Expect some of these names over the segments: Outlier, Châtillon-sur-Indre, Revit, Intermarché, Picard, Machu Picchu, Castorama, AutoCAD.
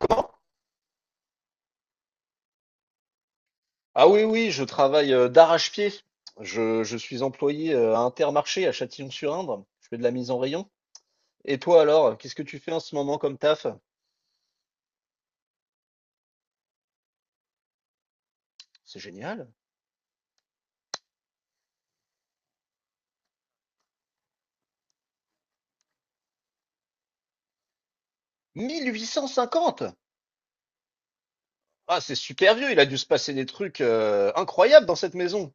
Comment? Ah oui, oui, je travaille d'arrache-pied. Je suis employé à Intermarché à Châtillon-sur-Indre. Je fais de la mise en rayon. Et toi alors, qu'est-ce que tu fais en ce moment comme taf? C'est génial. 1850. Ah, c'est super vieux, il a dû se passer des trucs incroyables dans cette maison.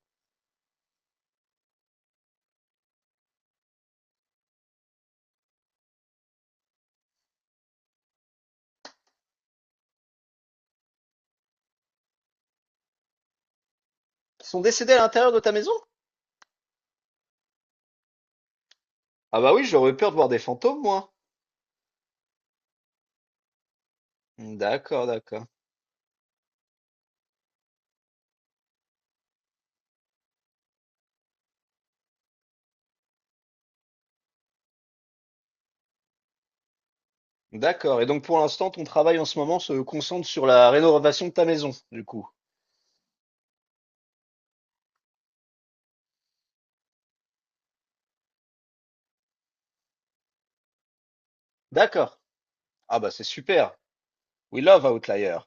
Qui sont décédés à l'intérieur de ta maison? Ah bah oui, j'aurais peur de voir des fantômes, moi. D'accord, d'accord. D'accord. Et donc pour l'instant, ton travail en ce moment se concentre sur la rénovation de ta maison, du coup. D'accord. Ah bah c'est super. We love Outlier.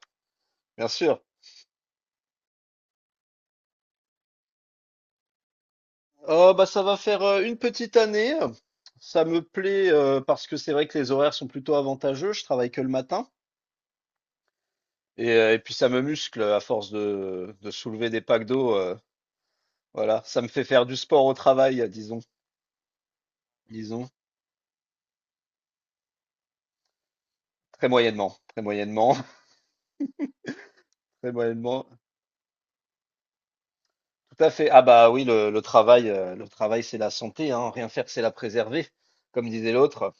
Bien sûr. Oh, bah, ça va faire une petite année. Ça me plaît parce que c'est vrai que les horaires sont plutôt avantageux. Je travaille que le matin. Et puis ça me muscle à force de soulever des packs d'eau. Voilà, ça me fait faire du sport au travail, disons. Disons. Très moyennement. Très moyennement. Très moyennement. Tout à fait. Ah bah oui, le travail, c'est la santé, hein. Rien faire, c'est la préserver, comme disait l'autre.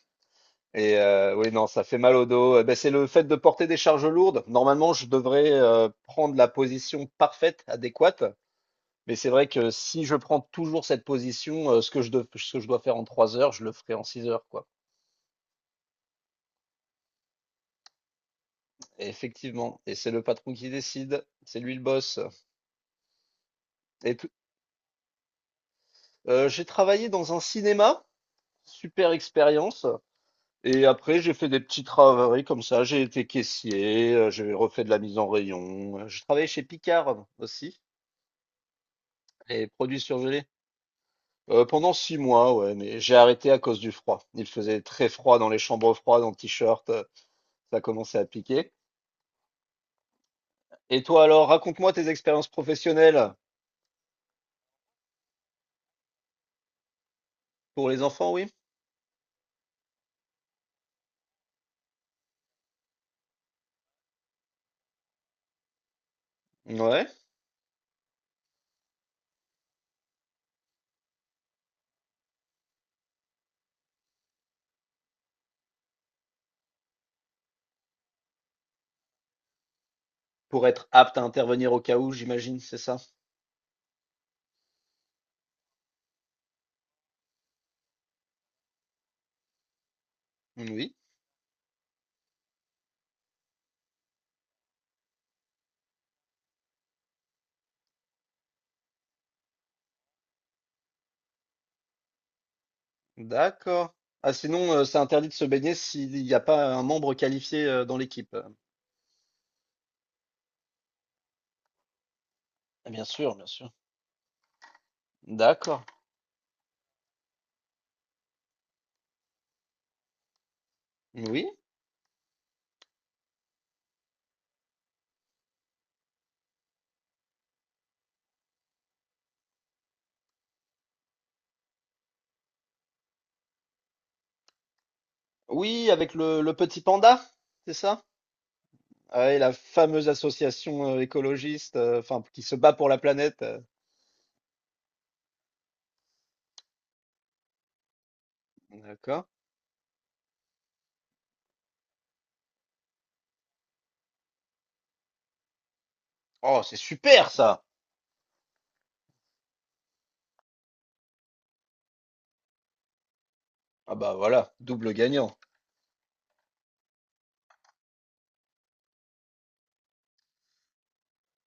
Et oui, non, ça fait mal au dos. Eh ben, c'est le fait de porter des charges lourdes. Normalement, je devrais prendre la position parfaite, adéquate. Mais c'est vrai que si je prends toujours cette position, ce que je dois faire en trois heures, je le ferai en six heures, quoi. Et effectivement. Et c'est le patron qui décide. C'est lui le boss. Et tout- j'ai travaillé dans un cinéma. Super expérience. Et après, j'ai fait des petits travaux comme ça. J'ai été caissier, j'ai refait de la mise en rayon. J'ai travaillé chez Picard aussi, les produits surgelés. Pendant six mois, ouais, mais j'ai arrêté à cause du froid. Il faisait très froid dans les chambres froides, en t-shirt, ça commençait à piquer. Et toi alors, raconte-moi tes expériences professionnelles pour les enfants, oui? Ouais, pour être apte à intervenir au cas où, j'imagine, c'est ça? Oui, d'accord. Ah, sinon, c'est interdit de se baigner s'il n'y a pas un membre qualifié dans l'équipe. Bien sûr, bien sûr. D'accord. Oui, oui, avec le petit panda, c'est ça? Ah et la fameuse association écologiste, enfin, qui se bat pour la planète. D'accord. Oh, c'est super ça! Ah bah voilà, double gagnant.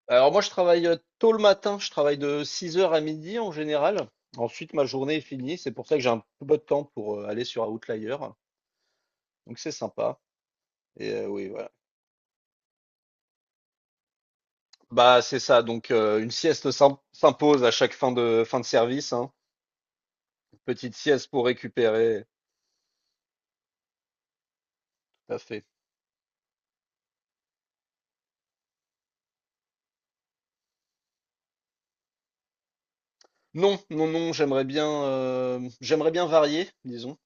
Alors moi, je travaille tôt le matin, je travaille de six heures à midi en général. Ensuite, ma journée est finie, c'est pour ça que j'ai un peu de temps pour aller sur Outlier. Donc c'est sympa. Et oui, voilà. Bah c'est ça, donc une sieste s'impose à chaque fin de service, hein. Petite sieste pour récupérer. Tout à fait. Non, non, non, j'aimerais bien varier, disons.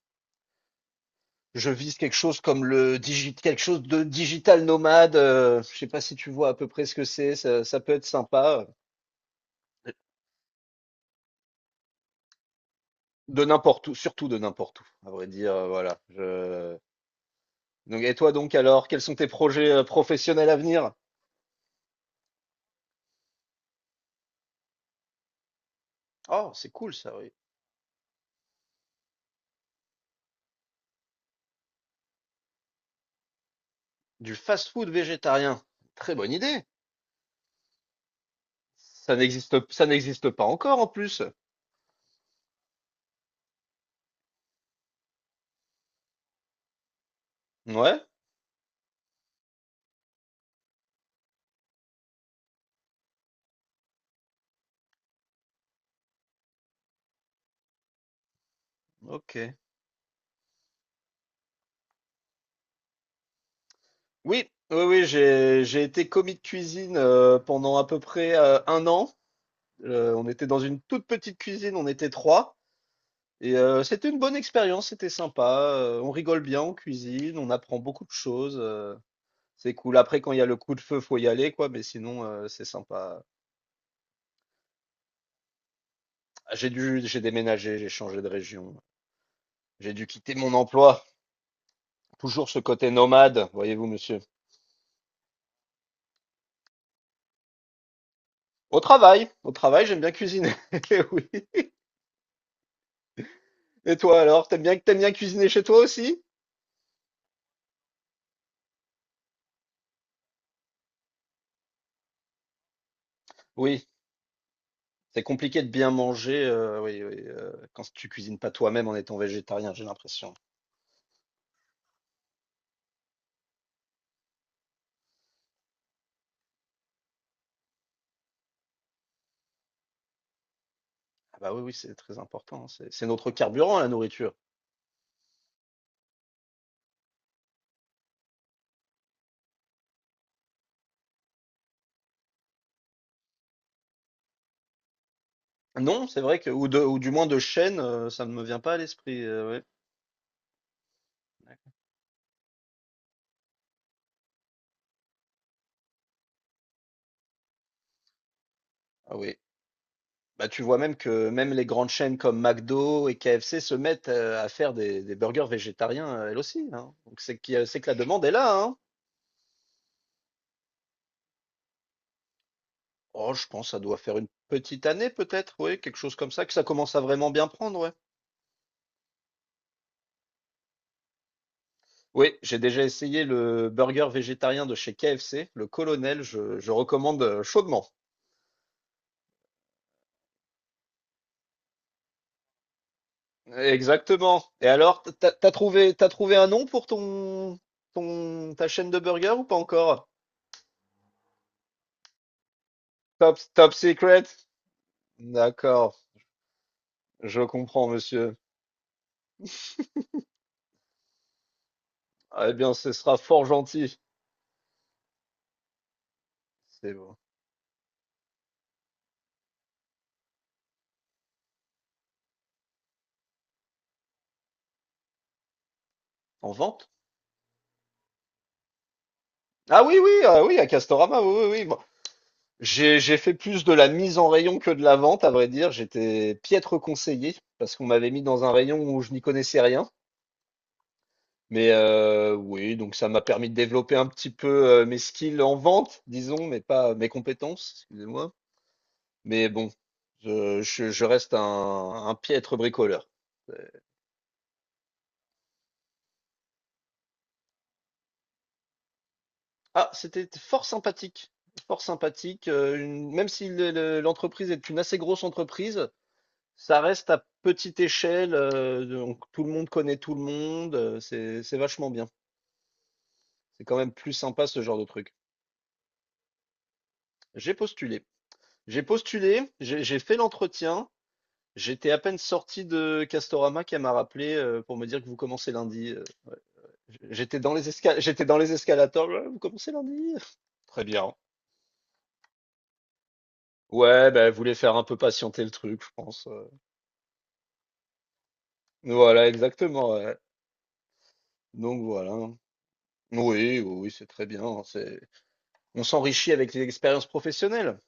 Je vise quelque chose comme quelque chose de digital nomade. Je sais pas si tu vois à peu près ce que c'est. Ça peut être sympa. De n'importe où, surtout de n'importe où, à vrai dire. Voilà. Donc, et toi donc alors, quels sont tes projets professionnels à venir? Oh, c'est cool ça, oui. Du fast-food végétarien. Très bonne idée. Ça n'existe pas encore en plus. Ouais, ok. Oui, oui, oui, j'ai été commis de cuisine pendant à peu près un an. On était dans une toute petite cuisine, on était trois. C'était une bonne expérience, c'était sympa. On rigole bien, on cuisine, on apprend beaucoup de choses. C'est cool. Après, quand il y a le coup de feu, faut y aller, quoi. Mais sinon, c'est sympa. Ah, j'ai déménagé, j'ai changé de région. J'ai dû quitter mon emploi. Toujours ce côté nomade, voyez-vous, monsieur. Au travail, j'aime bien cuisiner. Oui. Et toi alors, t'aimes bien cuisiner chez toi aussi? Oui. C'est compliqué de bien manger, oui, oui, quand tu cuisines pas toi-même en étant végétarien, j'ai l'impression. Ah bah, oui, oui, c'est très important, hein, c'est notre carburant, la nourriture. Non, c'est vrai que ou de ou du moins de chaîne, ça ne me vient pas à l'esprit, ouais. Ah oui. Bah, tu vois même que même les grandes chaînes comme McDo et KFC se mettent, à faire des burgers végétariens, elles aussi, hein. Donc c'est qu'il y a c'est que la demande est là, hein. Oh, je pense que ça doit faire une petite année peut-être, oui, quelque chose comme ça, que ça commence à vraiment bien prendre, ouais. Oui, j'ai déjà essayé le burger végétarien de chez KFC, le Colonel, je recommande chaudement. Exactement. Et alors, t'as trouvé un nom pour ta chaîne de burger ou pas encore? Top, top secret? D'accord, je comprends, monsieur. Ah, eh bien, ce sera fort gentil. C'est bon. En vente? Ah oui, oui, ah oui, à Castorama, oui, oui, oui. Bon, j'ai fait plus de la mise en rayon que de la vente, à vrai dire. J'étais piètre conseiller parce qu'on m'avait mis dans un rayon où je n'y connaissais rien. Mais oui, donc ça m'a permis de développer un petit peu, mes skills en vente, disons, mais pas mes compétences, excusez-moi. Mais bon, je reste un piètre bricoleur. C'est c'était fort sympathique, une même si le l'entreprise est une assez grosse entreprise, ça reste à petite échelle, donc tout le monde connaît tout le monde, c'est vachement bien. C'est quand même plus sympa ce genre de truc. J'ai postulé j'ai postulé, j'ai fait l'entretien. J'étais à peine sorti de Castorama qu'elle m'a rappelé pour me dire que vous commencez lundi. J'étais dans les escalators. Ouais, vous commencez lundi? Très bien. Ouais, bah, elle voulait faire un peu patienter le truc, je pense. Voilà, exactement. Ouais. Donc voilà. Oui, oui, oui, c'est très bien. Hein, On s'enrichit avec les expériences professionnelles.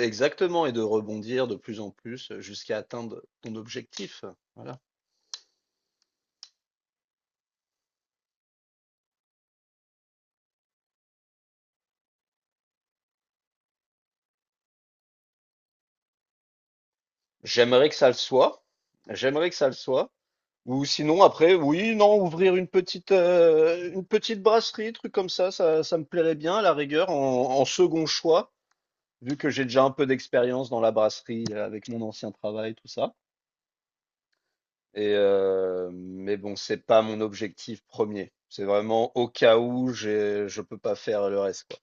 Exactement, et de rebondir de plus en plus jusqu'à atteindre ton objectif. Voilà. J'aimerais que ça le soit. J'aimerais que ça le soit. Ou sinon, après, oui, non, ouvrir une petite brasserie, truc comme ça, ça me plairait bien, à la rigueur, en second choix, vu que j'ai déjà un peu d'expérience dans la brasserie avec mon ancien travail, tout ça. Mais bon, c'est pas mon objectif premier. C'est vraiment au cas où je peux pas faire le reste, quoi.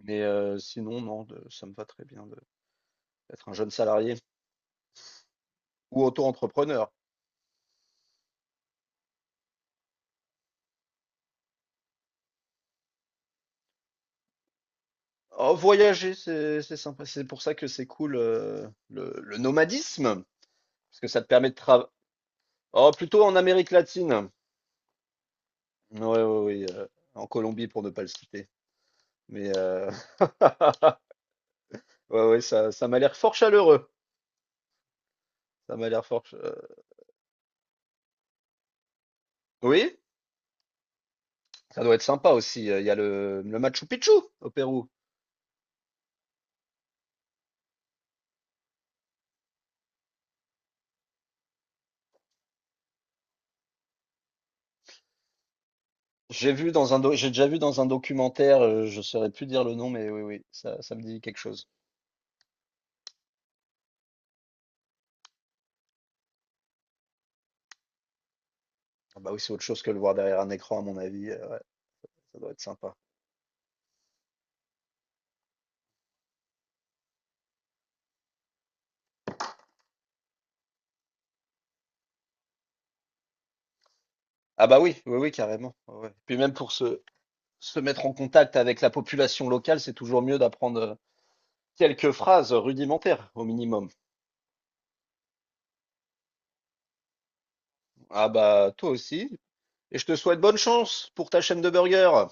Mais sinon, non, ça me va très bien d'être un jeune salarié ou auto-entrepreneur. Oh, voyager, c'est sympa. C'est pour ça que c'est cool le nomadisme, parce que ça te permet de travailler. Oh, plutôt en Amérique latine. Ouais, ouais, oui. En Colombie, pour ne pas le citer. Mais ouais, ouais, ça m'a l'air fort chaleureux. Ça m'a l'air fort. Oui, ça doit être sympa aussi. Il y a le Machu Picchu au Pérou. J'ai déjà vu dans un documentaire, je saurais plus dire le nom, mais oui, oui, ça me dit quelque chose. Ah bah oui, c'est autre chose que le voir derrière un écran, à mon avis. Ouais, ça doit être sympa. Ah bah oui, oui, oui, carrément. Ouais, ouais. Puis même pour se mettre en contact avec la population locale, c'est toujours mieux d'apprendre quelques phrases rudimentaires au minimum. Ah bah toi aussi. Et je te souhaite bonne chance pour ta chaîne de burgers.